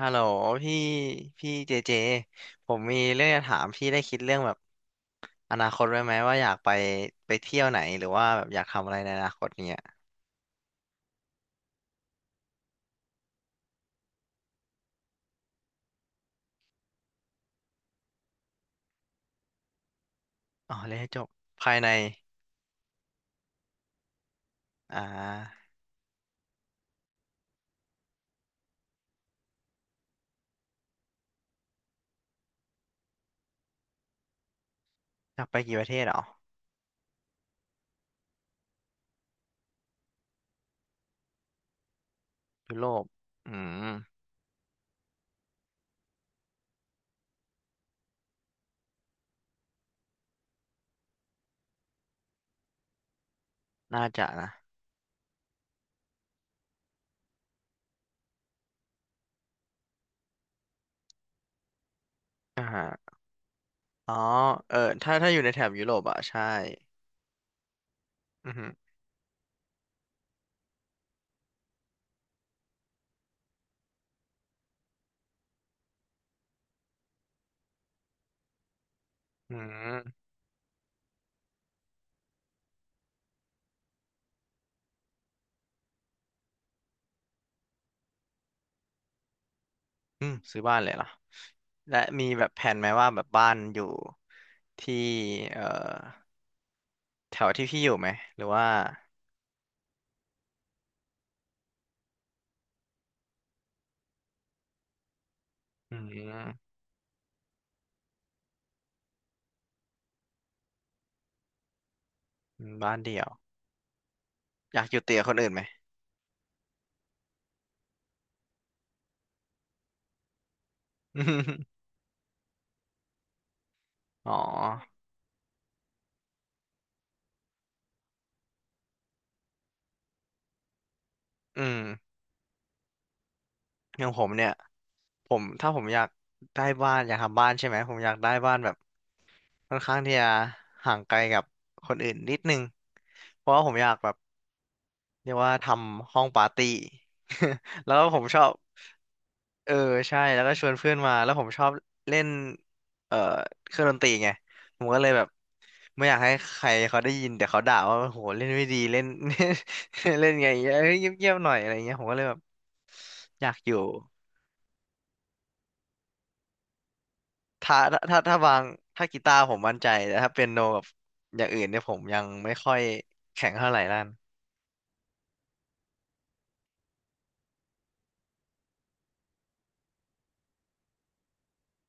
ฮัลโหลพี่พี่เจเจผมมีเรื่องจะถามพี่ได้คิดเรื่องแบบอนาคตไว้ไหมว่าอยากไปเที่ยวไหนหรือว่าแบบอยากทำอะไรในอนาคตเนี้ยอ๋อเรียนให้จบภายในอ่าอยากไปกี่ประเทศเหรอยุโรปอืมน่าจะนะอ่าฮะอ๋อเออถ้าอยู่ในแถบยุโรปอ่ะใช่อือหืออืมอืมซื้อบ้านเลยเหรอและมีแบบแผนไหมว่าแบบบ้านอยู่ที่เอ่อแถวที่พี่อยู่ไหมหรือว่า อืมบ้านเดี่ยวอยากอยู่เตียคนอื่นไหม อ๋ออืมอย่างผมเนี่ยผมถ้าผมอยากได้บ้านอยากทำบ้านใช่ไหมผมอยากได้บ้านแบบค่อนข้างที่จะห่างไกลกับคนอื่นนิดนึงเพราะว่าผมอยากแบบเรียกว่าทำห้องปาร์ตี้ แล้วผมชอบ เออใช่แล้วก็ชวนเพื่อนมาแล้วผมชอบเล่นเอ่อเครื่องดนตรีไงผมก็เลยแบบไม่อยากให้ใครเขาได้ยินแต่เขาด่าว่าโหเล่นไม่ดีเล่น เล่นไง่งเงี้ยเอ้ยเงียบๆหน่อยอะไรเงี้ยผมก็เลยแบบอยากอยู่ถ้าถ้าถ้าวางถ้ากีตาร์ผมมั่นใจแต่ถ้าเปียโนกับอย่างอื่นเนี่ยผมยังไม่ค่อยแข็งเท่าไหร่ด้าน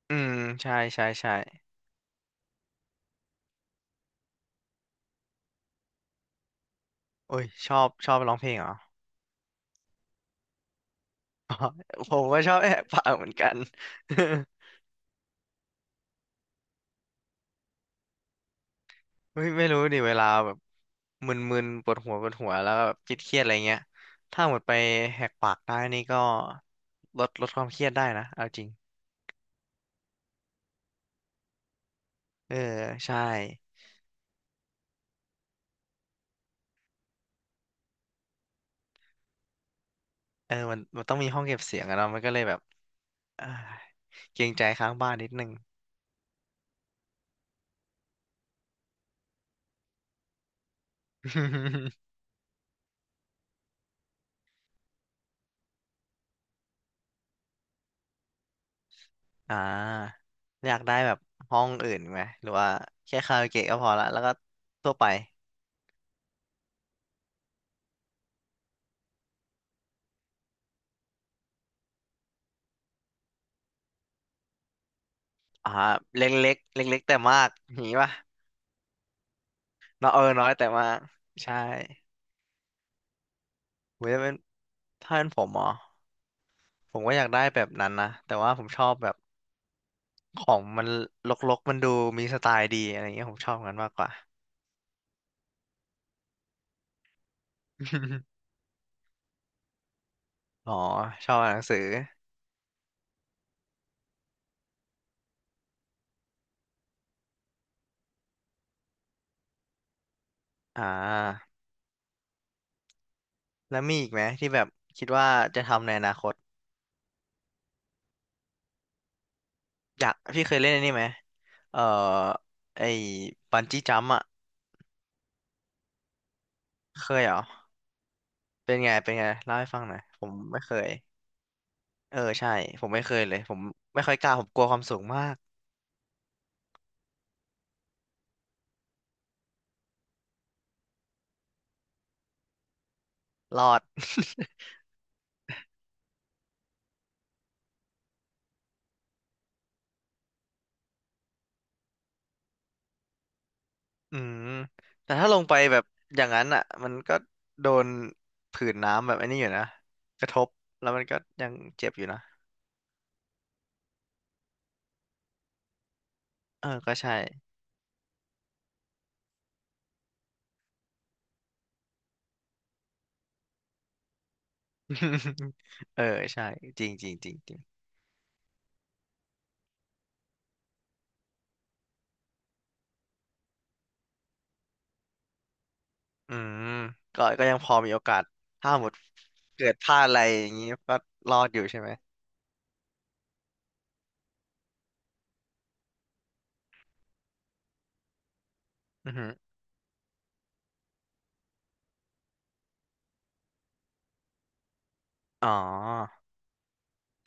อืมใช่ใช่ใช่โอ้ยชอบร้องเพลงเหรอ ผมก็ชอบแอบฟังเหมือนกัน ไม่รู้ดิเวลาแบบมึนๆปวดหัวแล้วก็แบบคิดเครียดๆอะไรเงี้ยถ้าหมดไปแหกปากได้นี่ก็ลดความเครียดได้นะเอาจริงเออใช่เออมันต้องมีห้องเก็บเสียงอะเนาะมันก็เลยแบบ เอ้ยเกรงใจข้างบ้านนิดนึง อ่าอยากได้แบบห้องอื่นไหมหรือว่าแค่คาราโอเกะก็พอละแล้วก็ทั่วไปอ่าเล็กเล็กเล็กเล็กๆแต่มากอย่างงี้ป่ะน้อยเออน้อยแต่มากใช่เว้ยเป็นถ้าเป็นผมเหรอ ผมก็อยากได้แบบนั้นนะแต่ว่าผมชอบแบบของมันรกๆมันดูมีสไตล์ดีอะไรเงี้ยผมชอบงั้นมากกว่า อ๋อชอบอ่านหนังสืออ่าแล้วมีอีกไหมที่แบบคิดว่าจะทำในอนาคตอยากพี่เคยเล่นอันนี้ไหมเอ่อไอ้บันจี้จัมป์อ่ะเคยเหรอเป็นไงเป็นไงเล่าให้ฟังหน่อยผมไม่เคยเออใช่ผมไม่เคยเลยผมไม่ค่อยกล้าผมกลัวความสูงมากรอด อืมแต่ถ้าลงไปแบบอย่างนั้นอ่ะมันก็โดนผื่นน้ำแบบไอันนี้อยู่นะกระทบแล้วมันก็ยังเจ็บอยู่นะเออก็ใช่ เออใช่จริงจริงจริงจริงอืมก็ยังพอมีโอกาสถ้าหมดเกิดพลาดอะไรอย่างนี้ก็รอดอยู่ใช่ไหมอือหืออ๋อ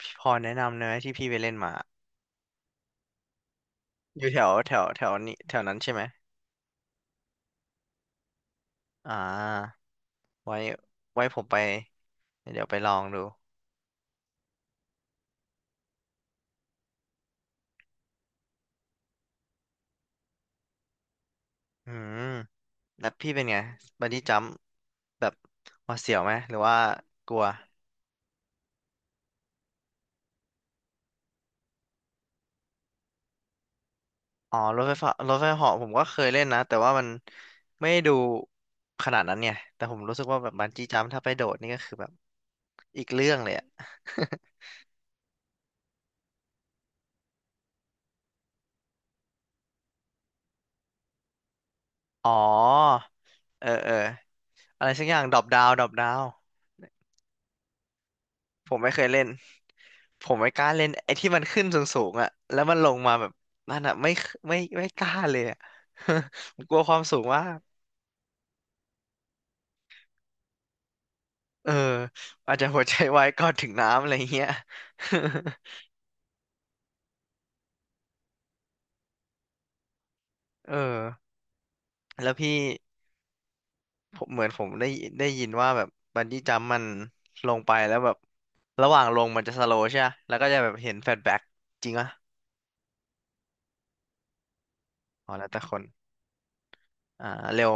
พี่พอแนะนำเนื้อที่พี่ไปเล่นมาอยู่แถวแถวแถวนี้แถวนั้นใช่ไหมอ่าไว้ไว้ผมไปเดี๋ยวไปลองดูอืม แล้วพี่เป็นไงบันจี้จัมพ์แบบหวาดเสียวไหมหรือว่ากลัวอ๋อรถไฟฟ้ารถไฟเหาะผมก็เคยเล่นนะแต่ว่ามันไม่ได้ดูขนาดนั้นเนี่ยแต่ผมรู้สึกว่าแบบบันจี้จัมพ์ถ้าไปโดดนี่ก็คือแบบอีกเรื่องเลยอะ อ๋อเออเอออะไรสักอย่างดรอปดาวดรอปดาวผมไม่เคยเล่นผมไม่กล้าเล่นไอ้ที่มันขึ้นสูงๆอะแล้วมันลงมาแบบนั่นอะไม่กล้าเลยอะ ผมกลัวความสูงมาก เอออาจจะหัวใจวายก่อนถึงน้ำอะไรเงี้ย เออแล้วพี่ผมเหมือนผมได้ยินว่าแบบบันจี้จัมป์มันลงไปแล้วแบบระหว่างลงมันจะสโลว์ใช่ไหมแล้วก็จะแบบเห็นแฟลชแบ็กจริงอ่ะอ๋อแล้วแต่คนอ่าเร็ว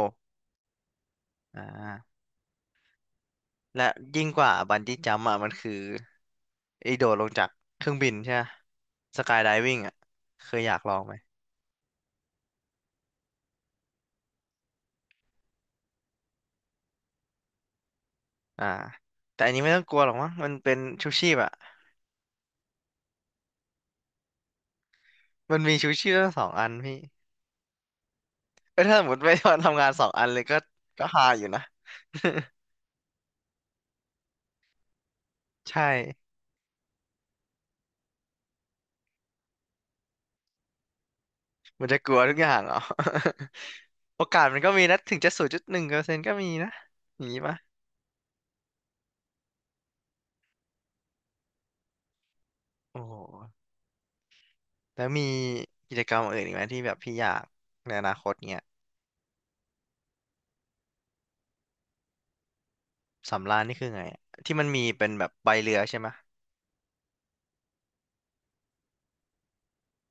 อ่าและยิ่งกว่าบันจี้จัมป์อ่ะมันคือไอ้โดดลงจากเครื่องบินใช่ไหมสกายไดวิ่งอ่ะเคยอยากลองไหมอ่าแต่อันนี้ไม่ต้องกลัวหรอกมั้งมันเป็นชูชีพอ่ะมันมีชูชีพทั้งสองอันพี่ ก็ถ้าสมมติไม่ทำงาน2 อันเลยก็ก็ฮาอยู่นะ ใช่มันจะกลัวทุกอย่างเหรอ โอกาสมันก็มีนะถึงจะ0.1%ก็มีนะอย่างนี้ปะโอ้โหแล้วมีกิจกรรมอื่นอีกไหมที่แบบพี่อยากในอนาคตเนี้ยสำราญนี่คือไงอะที่มันมีเป็นแบบใบเรือใช่ไหม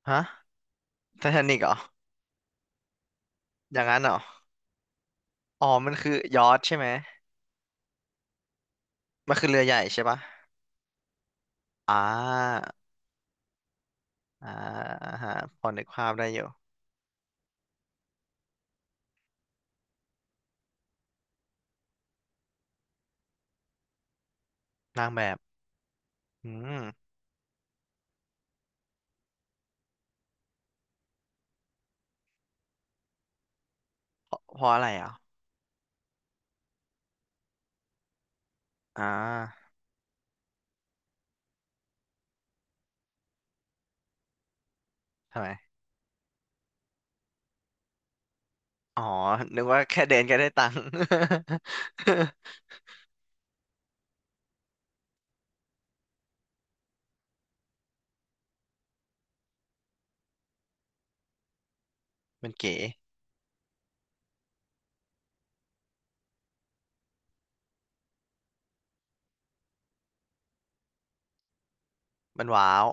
ฮะไททานิกเหรออย่างนั้นเหรออ๋อมันคือยอชท์ใช่ไหมมันคือเรือใหญ่ใช่ปะอ่าอ่าฮะพอนึกภาพได้อยู่นางแบบอืมเพราะเพราะอะไรอ่ะอ่า ทำไม อ๋อ นึกว่าแค่เดินก็ได้ตังค์ มันเก๋มันว้าว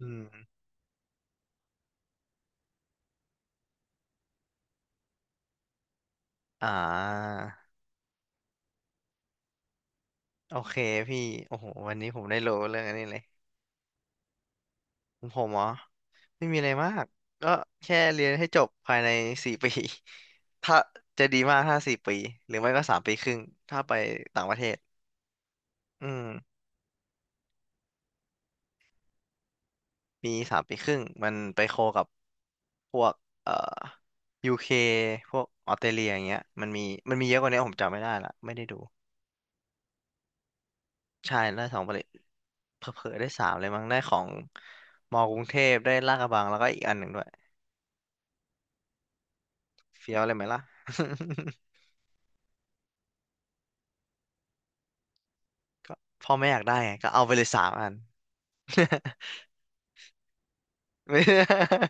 อืมอ่าโอเคพี่โอ้โหวันนี้ผมได้รู้เรื่องอันนี้เลยของผมเหรอไม่มีอะไรมาก ก็แค่เรียนให้จบภายในสี่ปี ถ้าจะดีมากถ้า4 ปี หรือไม่ก็3 ปีครึ่ง ถ้าไปต่างประเทศ อืม ปี3 ปีครึ่งมันไปโคกับพวกเอ่อยูเคพวกออสเตรเลียอย่างเงี้ยมันมีเยอะกว่านี้ผมจำไม่ได้ละไม่ได้ดู ใช่ได้สองประเด็นเผลอๆได้สามเลยมั้งได้ของมอกรุงเทพได้ลาดกระบังแล้วก็อีกอันหนึ่งด้วยเฟี้ยวเลยไหมล่ะ ก็พ่อแม่อยากได้ไงก็เอาไปเลย3 อัน ไม่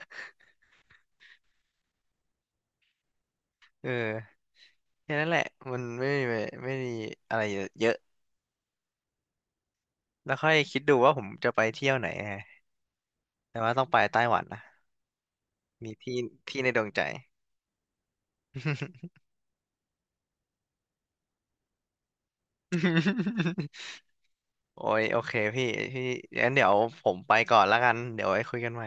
เออแค่นั้นแหละ มันไม่มีอะไรเยอะแล้วค่อยคิดดูว่าผมจะไปเที่ยวไหนไงแต่ว่าต้องไปไต้หวันนะ มีที่ที่ในดวงใจ โอ้ยโอเคพี่งั้นเดี๋ยวผมไปก่อนละกัน เดี๋ยวไว้คุยกันใหม่